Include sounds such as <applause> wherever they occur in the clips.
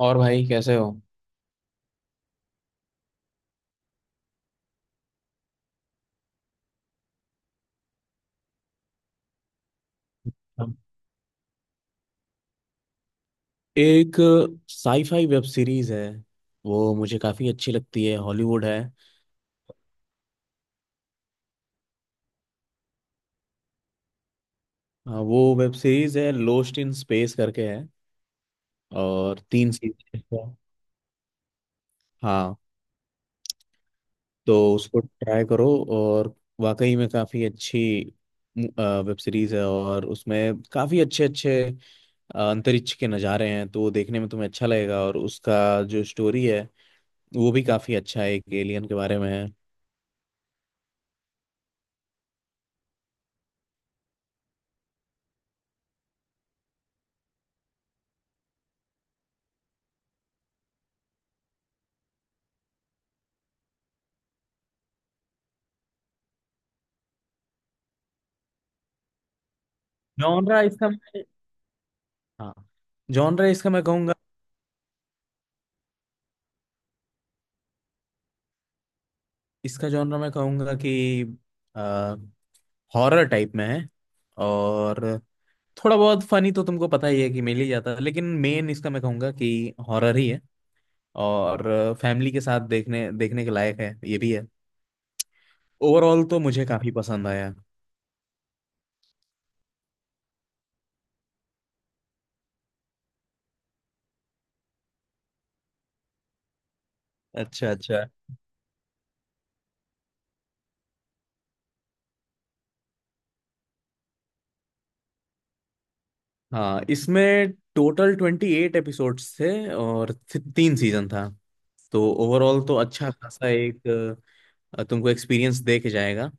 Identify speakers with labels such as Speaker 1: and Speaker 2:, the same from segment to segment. Speaker 1: और भाई कैसे हो। एक साईफाई वेब सीरीज है, वो मुझे काफ़ी अच्छी लगती है, हॉलीवुड है। हाँ, वो वेब सीरीज है, लोस्ट इन स्पेस करके है। और तीन सीजन। हाँ। तो उसको ट्राई करो, और वाकई में काफ़ी अच्छी वेब सीरीज है। और उसमें काफ़ी अच्छे अच्छे अंतरिक्ष के नज़ारे हैं, तो वो देखने में तुम्हें अच्छा लगेगा। और उसका जो स्टोरी है वो भी काफ़ी अच्छा है, एक एलियन के बारे में है। जॉनरा इसका, हाँ, जॉनरा इसका मैं कहूँगा, इसका जॉनरा मैं कहूँगा कि हॉरर टाइप में है। और थोड़ा बहुत फनी तो तुमको पता ही है कि मिल ही जाता है, लेकिन मेन इसका मैं कहूँगा कि हॉरर ही है। और फैमिली के साथ देखने देखने के लायक है ये भी है। ओवरऑल तो मुझे काफी पसंद आया। अच्छा अच्छा। हाँ, इसमें टोटल 28 एपिसोड्स थे, और तीन सीजन था। तो ओवरऑल तो अच्छा खासा एक तुमको एक्सपीरियंस दे के जाएगा।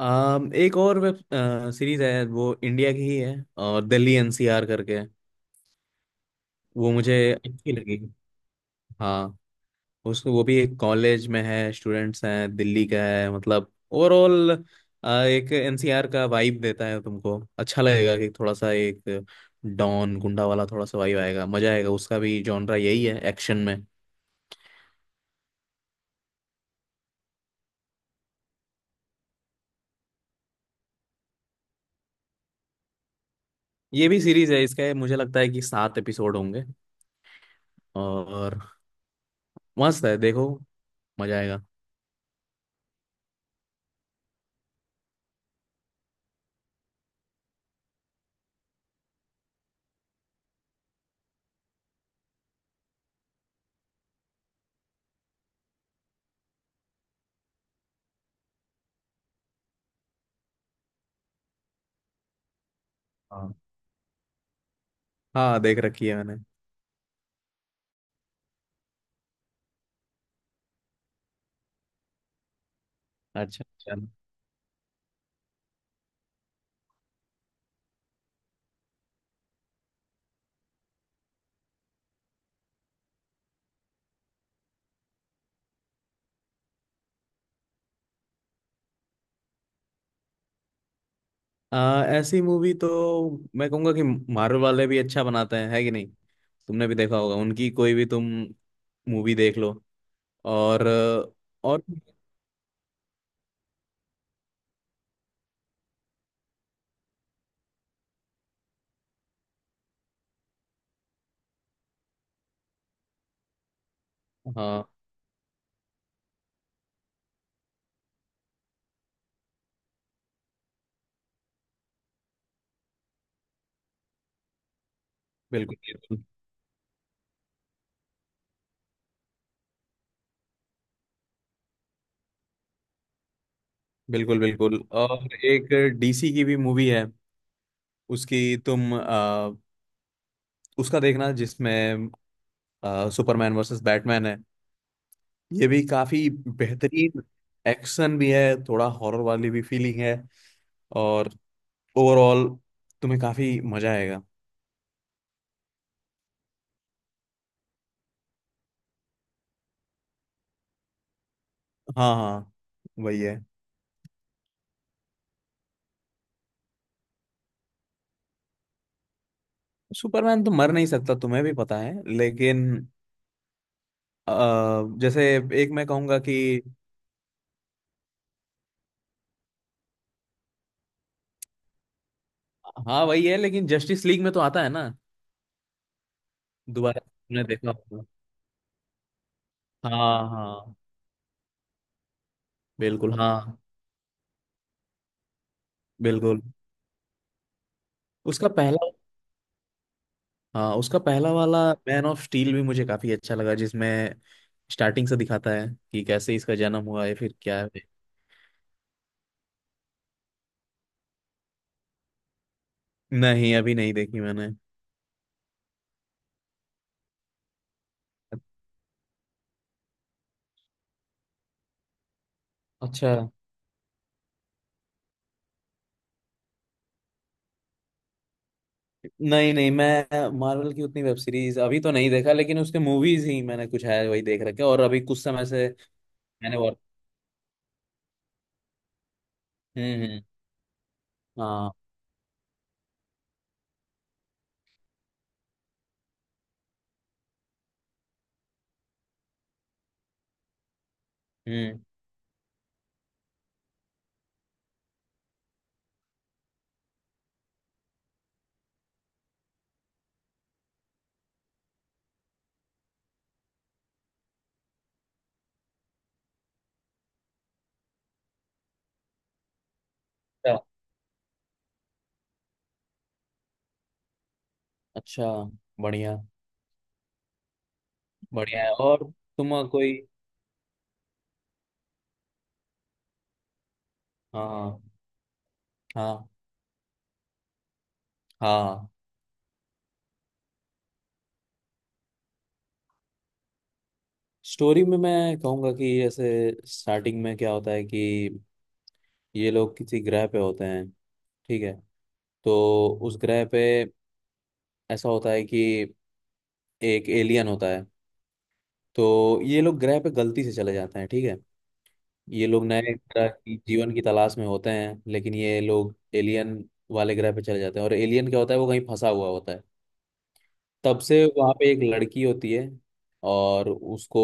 Speaker 1: एक और वेब सीरीज है, वो इंडिया की ही है। और दिल्ली एनसीआर करके वो मुझे अच्छी लगी। हाँ, उसको, वो भी एक कॉलेज में है, स्टूडेंट्स हैं, दिल्ली का है, मतलब ओवरऑल एक एनसीआर का वाइब देता है। तुमको अच्छा लगेगा कि थोड़ा सा एक डॉन गुंडा वाला थोड़ा सा वाइब आएगा, मजा आएगा। उसका भी जॉनरा यही है, एक्शन में। ये भी सीरीज है, इसका मुझे लगता है कि सात एपिसोड होंगे। और मस्त है, देखो, मजा आएगा। हाँ, हाँ, देख रखी है मैंने। अच्छा अच्छा। ऐसी मूवी तो मैं कहूंगा कि मार्वल वाले भी अच्छा बनाते हैं, है कि नहीं। तुमने भी देखा होगा, उनकी कोई भी तुम मूवी देख लो। और और हाँ। बिल्कुल बिल्कुल। बिल्कुल और एक डीसी की भी मूवी है, उसकी तुम, उसका देखना, जिसमें सुपरमैन वर्सेस बैटमैन है। ये भी काफी बेहतरीन, एक्शन भी है, थोड़ा हॉरर वाली भी फीलिंग है, और ओवरऑल तुम्हें काफी मजा आएगा। हाँ हाँ, वही है। सुपरमैन तो मर नहीं सकता, तुम्हें भी पता है, लेकिन अ, जैसे, एक मैं कहूंगा कि, हाँ वही है, लेकिन जस्टिस लीग में तो आता है ना, दोबारा तुमने देखा होगा। हाँ हाँ, बिल्कुल हाँ, बिल्कुल। उसका पहला, हाँ उसका पहला वाला मैन ऑफ स्टील भी मुझे काफी अच्छा लगा, जिसमें स्टार्टिंग से दिखाता है कि कैसे इसका जन्म हुआ है फिर क्या है। नहीं अभी नहीं देखी मैंने। अच्छा। नहीं नहीं, मैं मार्वल की उतनी वेब सीरीज अभी तो नहीं देखा, लेकिन उसके मूवीज ही मैंने कुछ है वही देख रखे हैं। और अभी कुछ समय से मैंने, और हम्म। हाँ। हम्म। अच्छा, अच्छा, बढ़िया। बढ़िया है। और तुम कोई, हाँ। हाँ। हाँ, स्टोरी में मैं कहूँगा कि, जैसे स्टार्टिंग में क्या होता है कि ये लोग किसी ग्रह पे होते हैं, ठीक है। तो उस ग्रह पे ऐसा होता है कि एक एलियन होता है। तो ये लोग ग्रह पे गलती से चले जाते हैं, ठीक है। ये लोग नए तरह की जीवन की तलाश में होते हैं, लेकिन ये लोग एलियन वाले ग्रह पे चले जाते हैं, और एलियन क्या होता है वो कहीं फंसा हुआ होता है। तब से वहाँ पे एक लड़की होती है, और उसको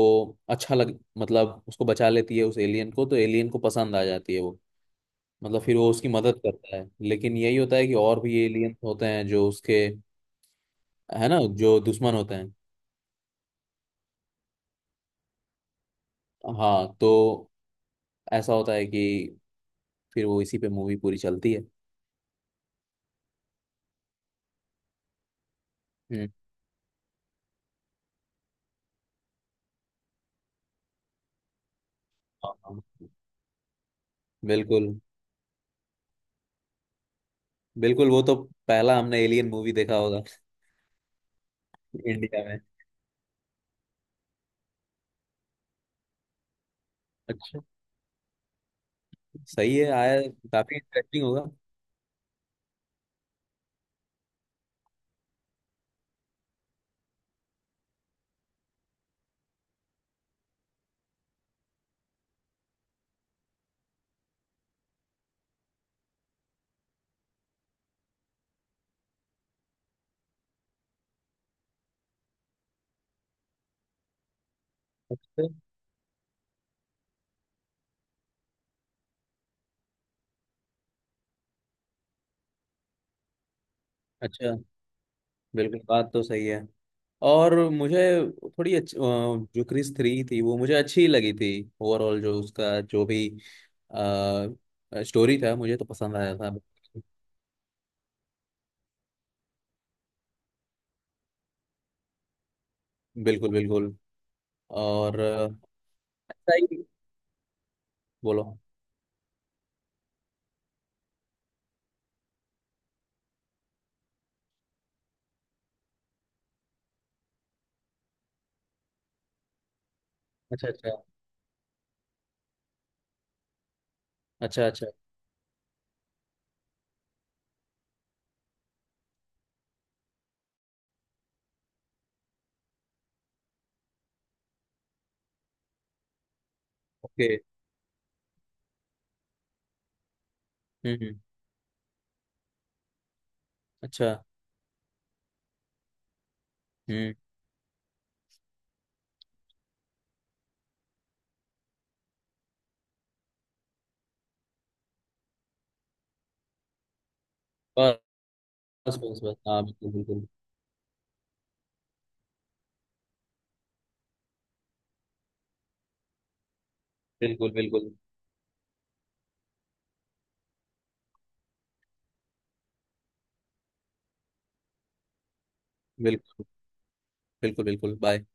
Speaker 1: अच्छा लग, मतलब उसको बचा लेती है उस एलियन को, तो एलियन को पसंद आ जाती है वो। मतलब फिर वो उसकी मदद करता है, लेकिन यही होता है कि और भी एलियन होते हैं जो उसके, है ना, जो दुश्मन होते हैं। हाँ, तो ऐसा होता है कि फिर वो इसी पे मूवी पूरी चलती है। हम्म। हाँ, हाँ, बिल्कुल। बिल्कुल वो तो पहला हमने एलियन मूवी देखा होगा <laughs> इंडिया में। अच्छा। सही है, आया। काफी इंटरेस्टिंग होगा। अच्छा अच्छा। बिल्कुल, बात तो सही है। और मुझे थोड़ी अच्छी, जो क्रिस थ्री थी वो मुझे अच्छी लगी थी। ओवरऑल जो उसका जो भी स्टोरी था मुझे तो पसंद आया था। बिल्कुल बिल्कुल। और अच्छा ही। बोलो। अच्छा अच्छा। अच्छा अच्छा। ओके। हम्म। अच्छा। हम्म। बस, बस बस, हाँ बिल्कुल बिल्कुल। बिल्कुल बिल्कुल। बिल्कुल बिल्कुल। बिल्कुल बाय।